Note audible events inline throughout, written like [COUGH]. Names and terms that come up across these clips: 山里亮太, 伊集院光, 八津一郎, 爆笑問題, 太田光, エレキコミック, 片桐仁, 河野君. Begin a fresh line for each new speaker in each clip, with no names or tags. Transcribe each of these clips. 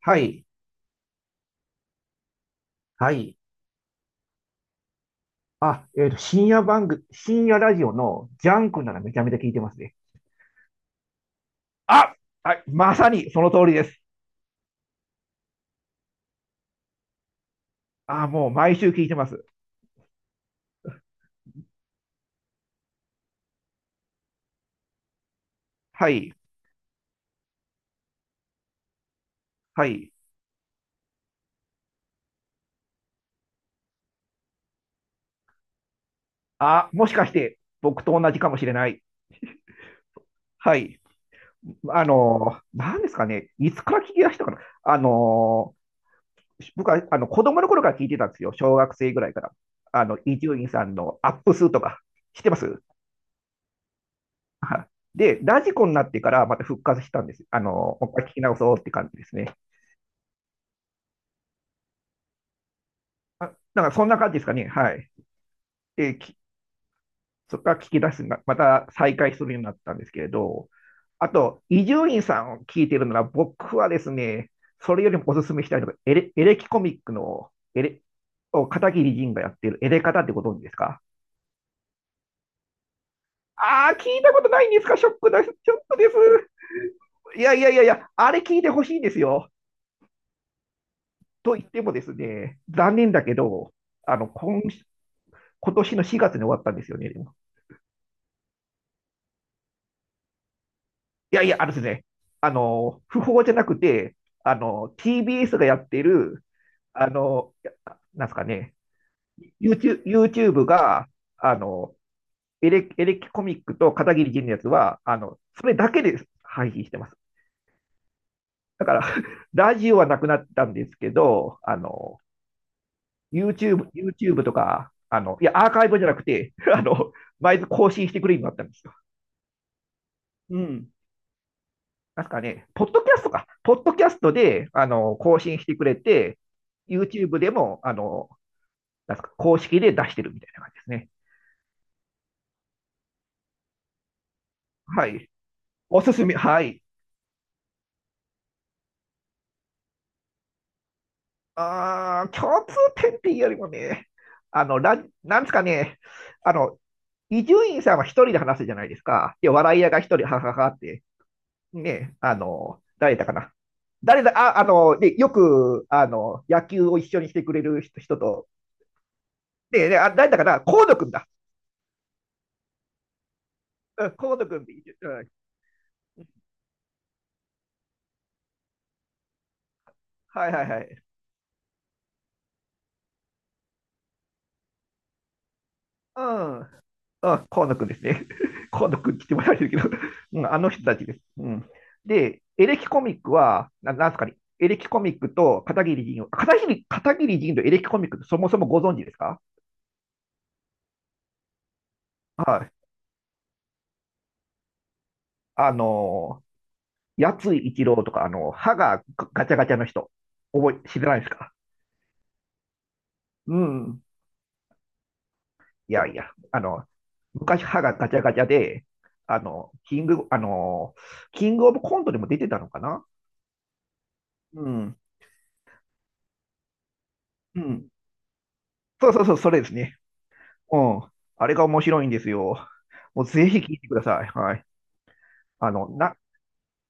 はい。はい。あ、深夜番組、深夜ラジオのジャンクならめちゃめちゃ聞いてますね。あ、はい。まさにその通りです。あ、もう毎週聞いてます。はい。はい。あ、もしかして僕と同じかもしれない。はい。なんですかね。いつから聞き出したかな。あの僕は、子供の頃から聞いてたんですよ。小学生ぐらいから。伊集院さんのアップ数とか、知ってます？はい。で、ラジコになってからまた復活したんです。もう一回聞き直そうって感じですね。あ、なんかそんな感じですかね。はい。で、そこから聞き出すな、また再開するようになったんですけれど、あと、伊集院さんを聞いてるなら、僕はですね、それよりもおすすめしたいのが、エレキコミックの、を片桐仁がやってるエレカタってご存知ですか？ああー、聞いたことないんですか？ショックです。ちょっとです。いやいやいやいや、あれ聞いてほしいんですよ。と言ってもですね、残念だけど、あの、今、今年の4月に終わったんですよね。いやいや、あのですね、不法じゃなくて、TBS がやってる、あの、いやなんですかね、YouTube が、あの、エレキコミックと片桐仁のやつは、それだけで配信してます。だから、[LAUGHS] ラジオはなくなったんですけど、YouTube とか、アーカイブじゃなくて、毎日更新してくれるようになったんですよ。うん。なんすかね、ポッドキャストか。ポッドキャストで、更新してくれて、YouTube でも、なんすか、公式で出してるみたいな感じですね。はい。おすすめ、はい。あー、共通点っていうよりもね、なんですかね、あの、伊集院さんは一人で話すじゃないですか。で、笑い屋が一人、ははははって、ね、誰だかな。誰だ、あ、あの、で、よく、野球を一緒にしてくれる人人と、で、誰だかな、河野くんだ。うん、河野君って言って、うん、はいはいはい。うん、うん、河野君ですね。[LAUGHS] 河野君来てもらえるけど、うん、あの人たちです。うん、で、エレキコミックは、なんですかね、エレキコミックと片桐仁を、片桐仁とエレキコミックってそもそもご存知ですか？はい。あの八津一郎とか、歯がガチャガチャの人、知らないですか？うん。いやいや、昔歯がガチャガチャで、あの、キング、あの、キングオブコントでも出てたのかな？うん。うん。そうそうそう、それですね。うん。あれが面白いんですよ。もうぜひ聞いてください。はい。あの、な、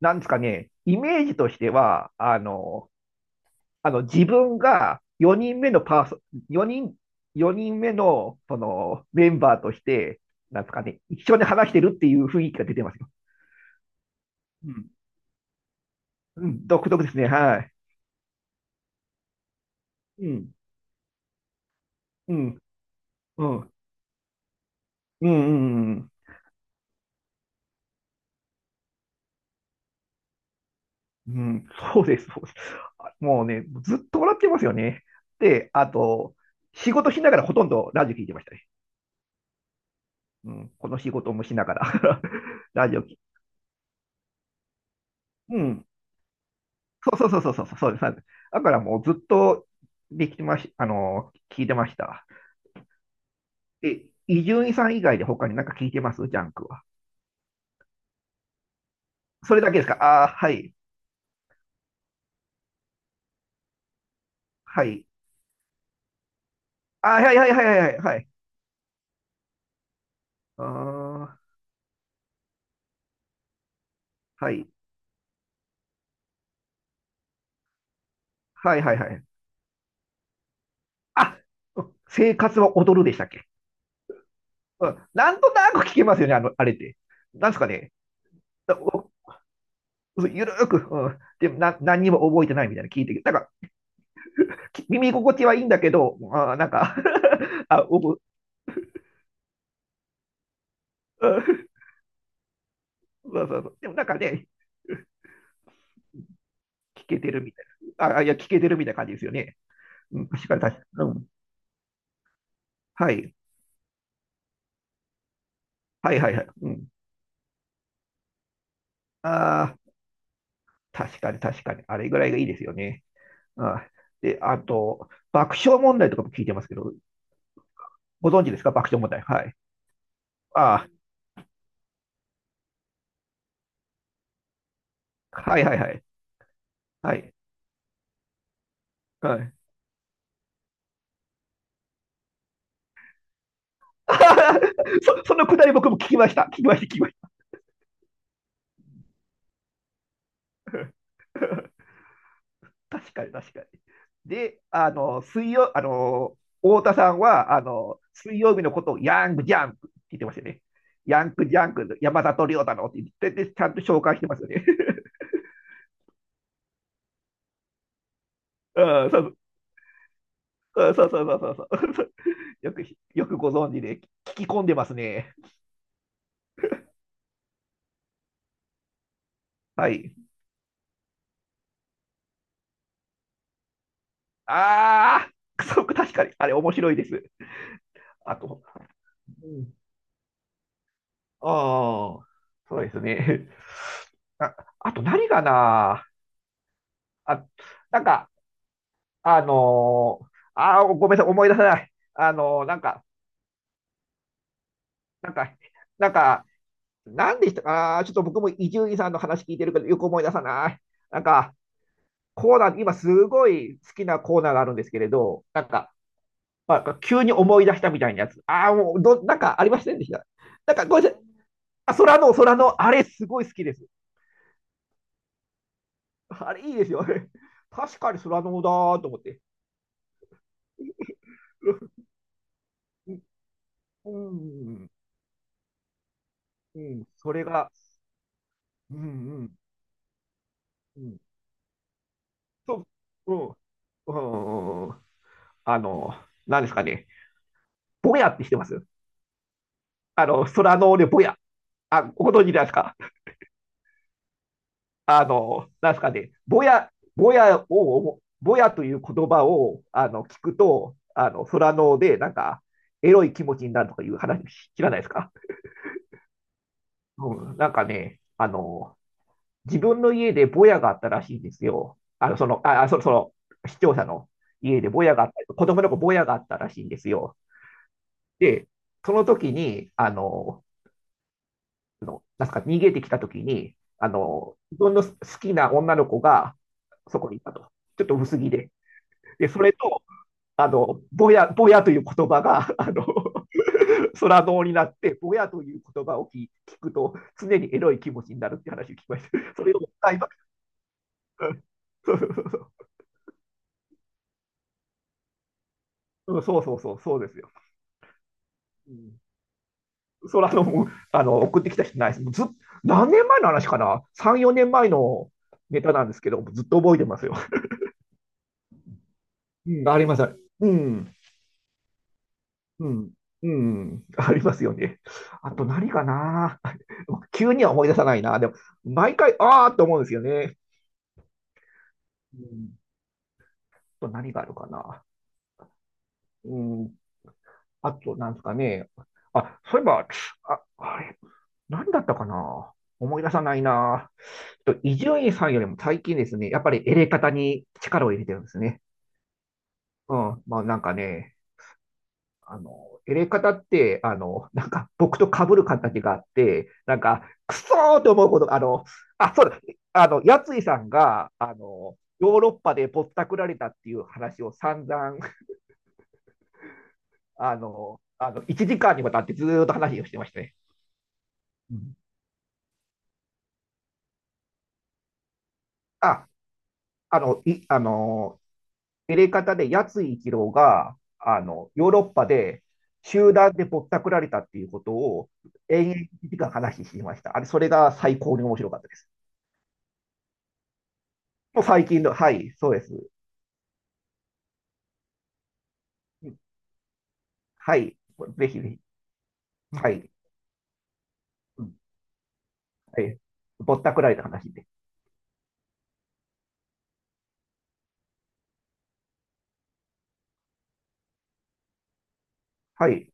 なんですかね、イメージとしては、自分が4人目のパーソ、4人、4人目の、その、メンバーとして、なんですかね、一緒に話してるっていう雰囲気が出てますよ。うん。うん、独特ですね。はい。うん。うん。うん。うん。うん。うんうん、そうです、そうです。あもうね、ずっと笑ってますよね。で、あと、仕事しながらほとんどラジオ聞いてましたね。うん、この仕事もしながら [LAUGHS] ラジオ聞うん、そうそうそうそうそう、そうです。そうです。だからもうずっとできてまし、あの、聞いてました。え、伊集院さん以外で他になんか聞いてますジャンクは？それだけですか？ああー、はい、はい。あーはいはいはいはいはい。はいあはい、はいはいはい。あ、生活は踊るでしたっけ？うん、なんとなく聞けますよね、あれって。なんですかね。だおゆるーく、うん、何にも覚えてないみたいな聞いて、なんか、耳心地はいいんだけど、あーなんか [LAUGHS] うんそうそうそう。でもなんかね、聞けてるみたいな。いや、聞けてるみたいな感じですよね。うん、確かに確かに。うん。はい。はいはいはい。うん。ああ、確かに確かに。あれぐらいがいいですよね。うん。で、あと、爆笑問題とかも聞いてますけど、ご存知ですか？爆笑問題。はい。ああ、はいはいはい。はい。はい。[LAUGHS] そのくだり僕も聞きました。聞きました、聞きました。確かに、確かに。で、あの、水曜、あの、太田さんは、水曜日のことをヤングジャンクって言ってましたね。ヤングジャンク、山里亮太のって言ってでちゃんと紹介してますよね。[LAUGHS] うん、そうそうそうそうそうそうそう。[LAUGHS] よく、よくご存知で、聞き込んでますね。はい。ああ、そう、確かに、あれ面白いです。あと、うんああ、そうですね。[LAUGHS] あ、あと何かな？あ、なんか、あのーごめんなさい、思い出せない。なんか、なんか、なんか、なんでしたかな？ちょっと僕も伊集院さんの話聞いてるけど、よく思い出さない。なんか、コーナー、今すごい好きなコーナーがあるんですけれど、なんか、まあ、急に思い出したみたいなやつ。ああ、もう、ど、なんかありませんでした。なんか、ごめんなさい。あ、空の、あれすごい好きです。あれいいですよね。[LAUGHS] 確かにスラノーだーと思って。[LAUGHS] うん、うん、それが、うん、うん、うん、そう、うん、うん、あの、なんですかね、ぼやってしてます。あの、スラノーでぼや。あ、ご存知ですか？なんですかね、ぼやという言葉をあの聞くと、空ので、なんか、エロい気持ちになるとかいう話知らないですか？うん、なんかね、自分の家でボヤがあったらしいんですよ。その、視聴者の家でボヤがあった、子供のボヤがあったらしいんですよ。で、その時に、なんすか逃げてきた時に、自分の好きな女の子がそこにいたと。ちょっと薄着で。で、それと、ボヤボヤという言葉が、[LAUGHS] 空洞になって、ボヤという言葉を聞くと、常にエロい気持ちになるって話を聞きました。それを、[LAUGHS] あ今、そうんそうそうそう、そうですよ。うん、それあの、もうあの、送ってきた人ないです。ずっ、何年前の話かな？ 3、4年前のネタなんですけど、ずっと覚えてますよ。うん、あります。うん、うん、うん、ありますよね。あと何かな？ [LAUGHS] 急には思い出さないな。でも、毎回、ああって思うんですよね。うんあと何があるかな？うん、あと、なんですかね。あ、そういえば、あ、あれ、何だったかな？思い出さないな。ちょっと伊集院さんよりも最近ですね、やっぱりエレカタに力を入れてるんですね。うん。まあなんかね、あの、エレカタって、なんか僕と被る形があって、なんか、くそーと思うことが、あの、あ、そうだ、あの、やついさんが、ヨーロッパでぼったくられたっていう話を散々、1時間にわたってずーっと話をしてましたね。うんあ、あの、い、あの、入れ方で、やつい一郎が、ヨーロッパで集団でぼったくられたっていうことを、延々1時間話していました。あれ、それが最高に面白かったです。もう最近の、はい、そうです。はい、ぜひぜひ。はい。うんはい。ぼったくられた話で。はい。